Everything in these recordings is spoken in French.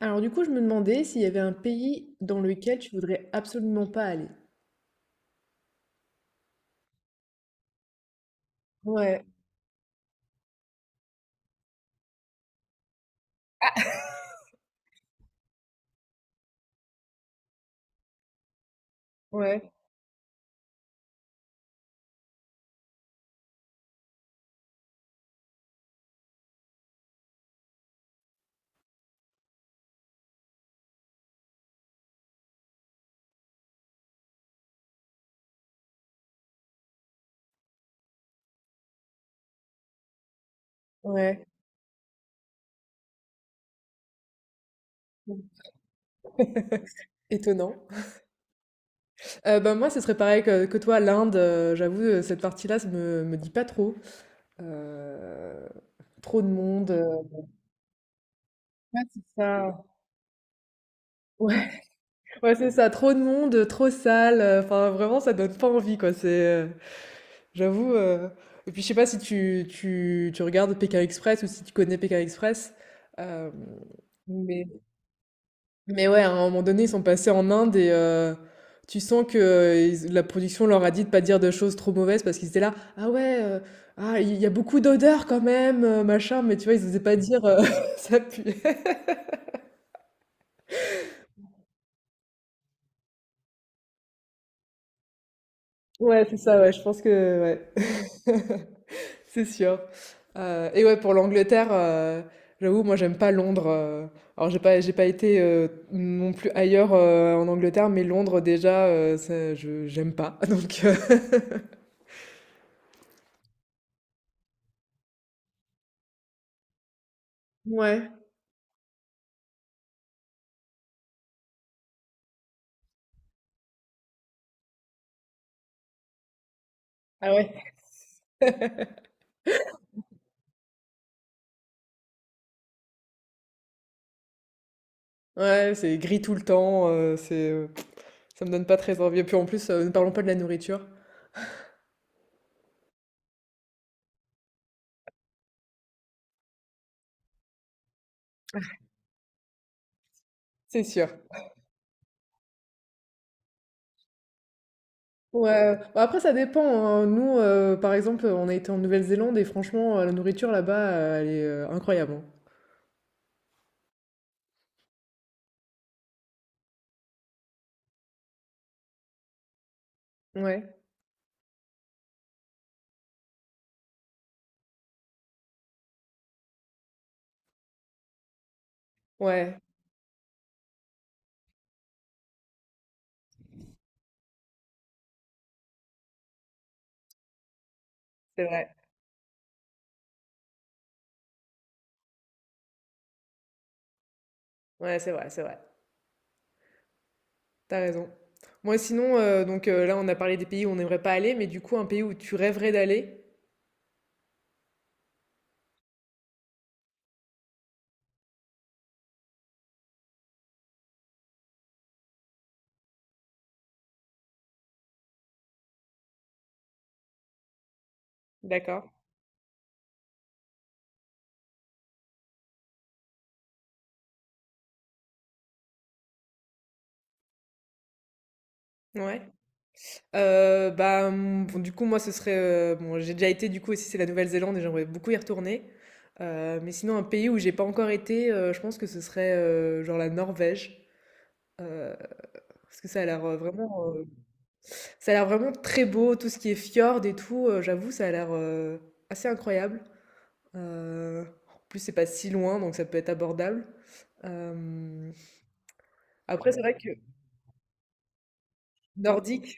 Alors du coup, je me demandais s'il y avait un pays dans lequel tu voudrais absolument pas aller. Ouais, ouais, ouais. Étonnant. Moi, ce serait pareil que toi, l'Inde. J'avoue, cette partie-là, me dit pas trop. Euh, Trop de monde. Ouais, c'est ça. Ouais, ouais, c'est ça. Trop de monde, trop sale. Enfin, vraiment, ça donne pas envie, quoi. J'avoue. Et puis, je sais pas si tu regardes Pékin Express ou si tu connais Pékin Express. euh, Mais Mais ouais, à un moment donné, ils sont passés en Inde et tu sens que la production leur a dit de pas dire de choses trop mauvaises parce qu'ils étaient là, ah ouais, ah il y a beaucoup d'odeurs quand même, machin, mais tu vois, ils osaient pas dire ça pue. Ouais, c'est ça, ouais, je pense que ouais, c'est sûr. Et ouais, pour l'Angleterre, j'avoue, moi j'aime pas Londres. Alors j'ai pas été non plus ailleurs en Angleterre, mais Londres déjà, ça, je j'aime pas. Ouais. Ah ouais. Ouais, c'est gris tout le temps, ça me donne pas très envie et puis en plus, ne parlons pas de la nourriture, c'est sûr. Ouais, bah, après ça dépend, hein, nous, par exemple, on a été en Nouvelle-Zélande et franchement, la nourriture là-bas, incroyable, hein. Ouais, ouais, c'est vrai. Ouais, c'est vrai, c'est vrai. T'as raison. Moi sinon, là on a parlé des pays où on n'aimerait pas aller, mais du coup un pays où tu rêverais d'aller? D'accord, ouais. Bon, du coup, moi, ce serait, bon, j'ai déjà été, du coup, aussi, c'est la Nouvelle-Zélande et j'aimerais beaucoup y retourner. Mais sinon, un pays où j'ai pas encore été, je pense que ce serait, genre la Norvège. Heu, Parce que ça a l'air, ça a l'air vraiment très beau, tout ce qui est fjord et tout, j'avoue, assez incroyable. En plus, c'est pas si loin, donc ça peut être abordable. Hem, Après, c'est vrai que nordique.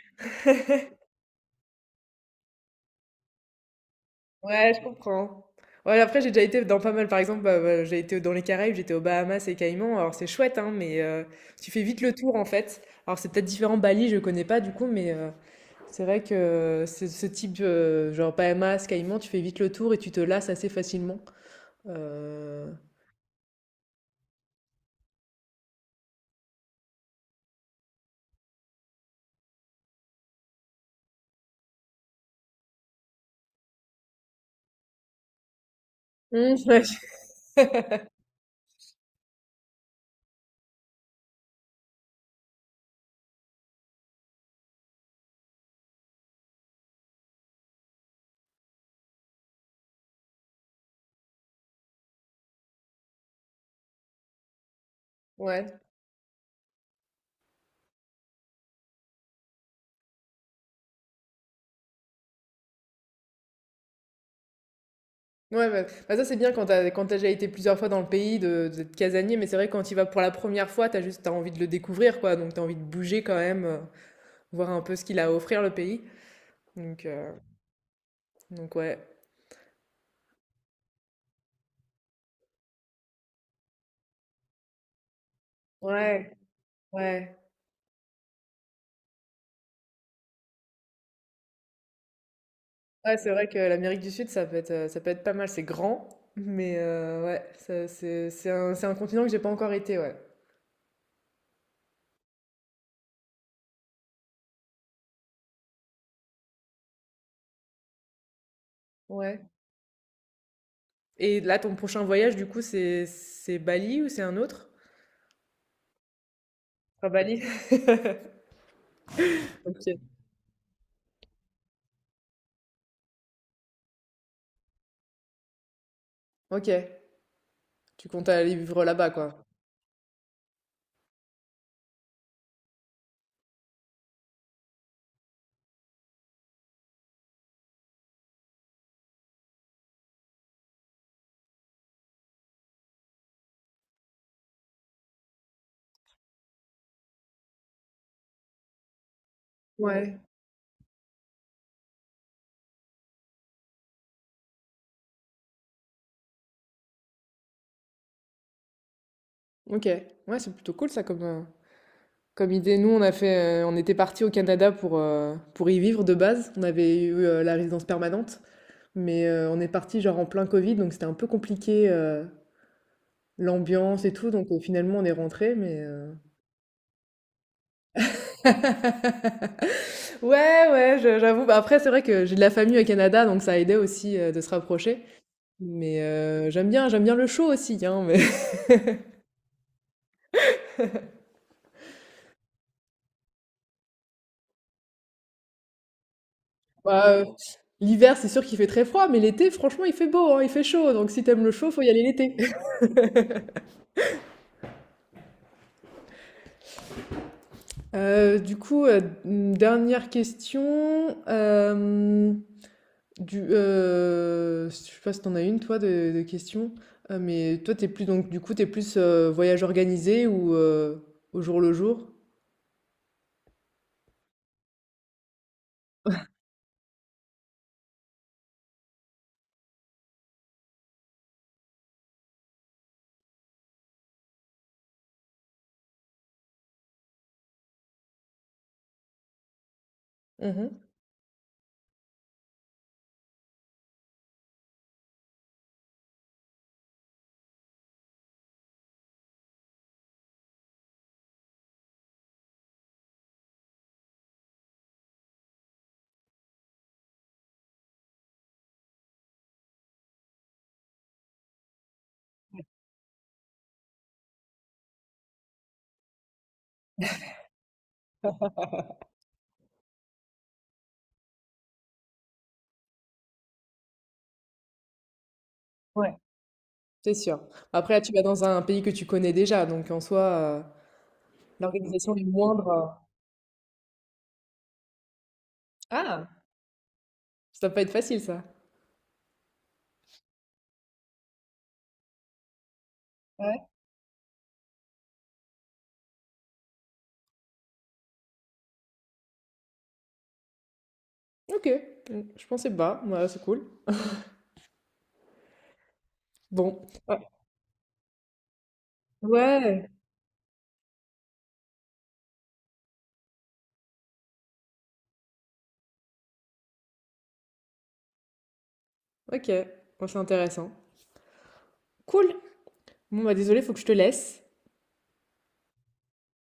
Ouais, je comprends. Ouais, après, j'ai déjà été dans pas mal, par exemple, j'ai été dans les Caraïbes, j'étais aux Bahamas et Caïmans. Alors, c'est chouette, hein, mais tu fais vite le tour, en fait. Alors, c'est peut-être différent, Bali, je connais pas, du coup, mais c'est vrai que ce type, genre Bahamas, Caïmans, tu fais vite le tour et tu te lasses assez facilement. Euh, Hum, ouais. Ouais. Ouais, ça c'est bien quand t'as déjà été plusieurs fois dans le pays de d'être casanier, mais c'est vrai que quand tu vas pour la première fois, t'as envie de le découvrir quoi, donc t'as envie de bouger quand même, voir un peu ce qu'il a à offrir le pays. Donc, heu, donc ouais. Ouais, ouais. Ouais, c'est vrai que l'Amérique du Sud, ça peut être pas mal. C'est grand, mais ouais, ça c'est un continent que j'ai pas encore été, ouais. Ouais. Et là, ton prochain voyage, du coup, c'est Bali ou c'est un autre? À Bali. OK. OK. Tu comptes aller vivre là-bas, quoi? Ouais. OK. Ouais, c'est plutôt cool ça comme, comme idée. Nous, on a fait, on était partis au Canada pour y vivre de base. On avait eu, la résidence permanente. Mais on est parti genre en plein Covid, donc c'était un peu compliqué, l'ambiance et tout, donc finalement on est rentré. Ouais, ouais, je j'avoue. Bah, après, c'est vrai que j'ai de la famille au Canada, donc ça a aidé aussi, de se rapprocher. Mais j'aime bien le chaud aussi, hein, mais bah, l'hiver, c'est sûr qu'il fait très froid, mais l'été, franchement, il fait beau, hein, il fait chaud, donc si t'aimes le chaud, faut y aller l'été. Dernière question. Hem Je sais pas si t'en as une toi de question, mais toi t'es plus t'es plus, voyage organisé ou, au jour le jour? Mmh. Ouais. C'est sûr. Après là tu vas dans un pays que tu connais déjà donc en soi, l'organisation est moindre. Ah! Ça va pas être facile ça. Ouais. OK, mmh, je pensais pas, ouais, c'est cool. Bon, ouais, ouais, OK, bon, c'est intéressant. Cool! Bon, bah, désolé faut que je te laisse.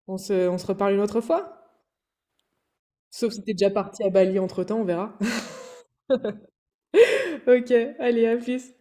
On se reparle une autre fois? Sauf si t'es déjà parti à Bali entre-temps, on verra. OK, allez, à plus.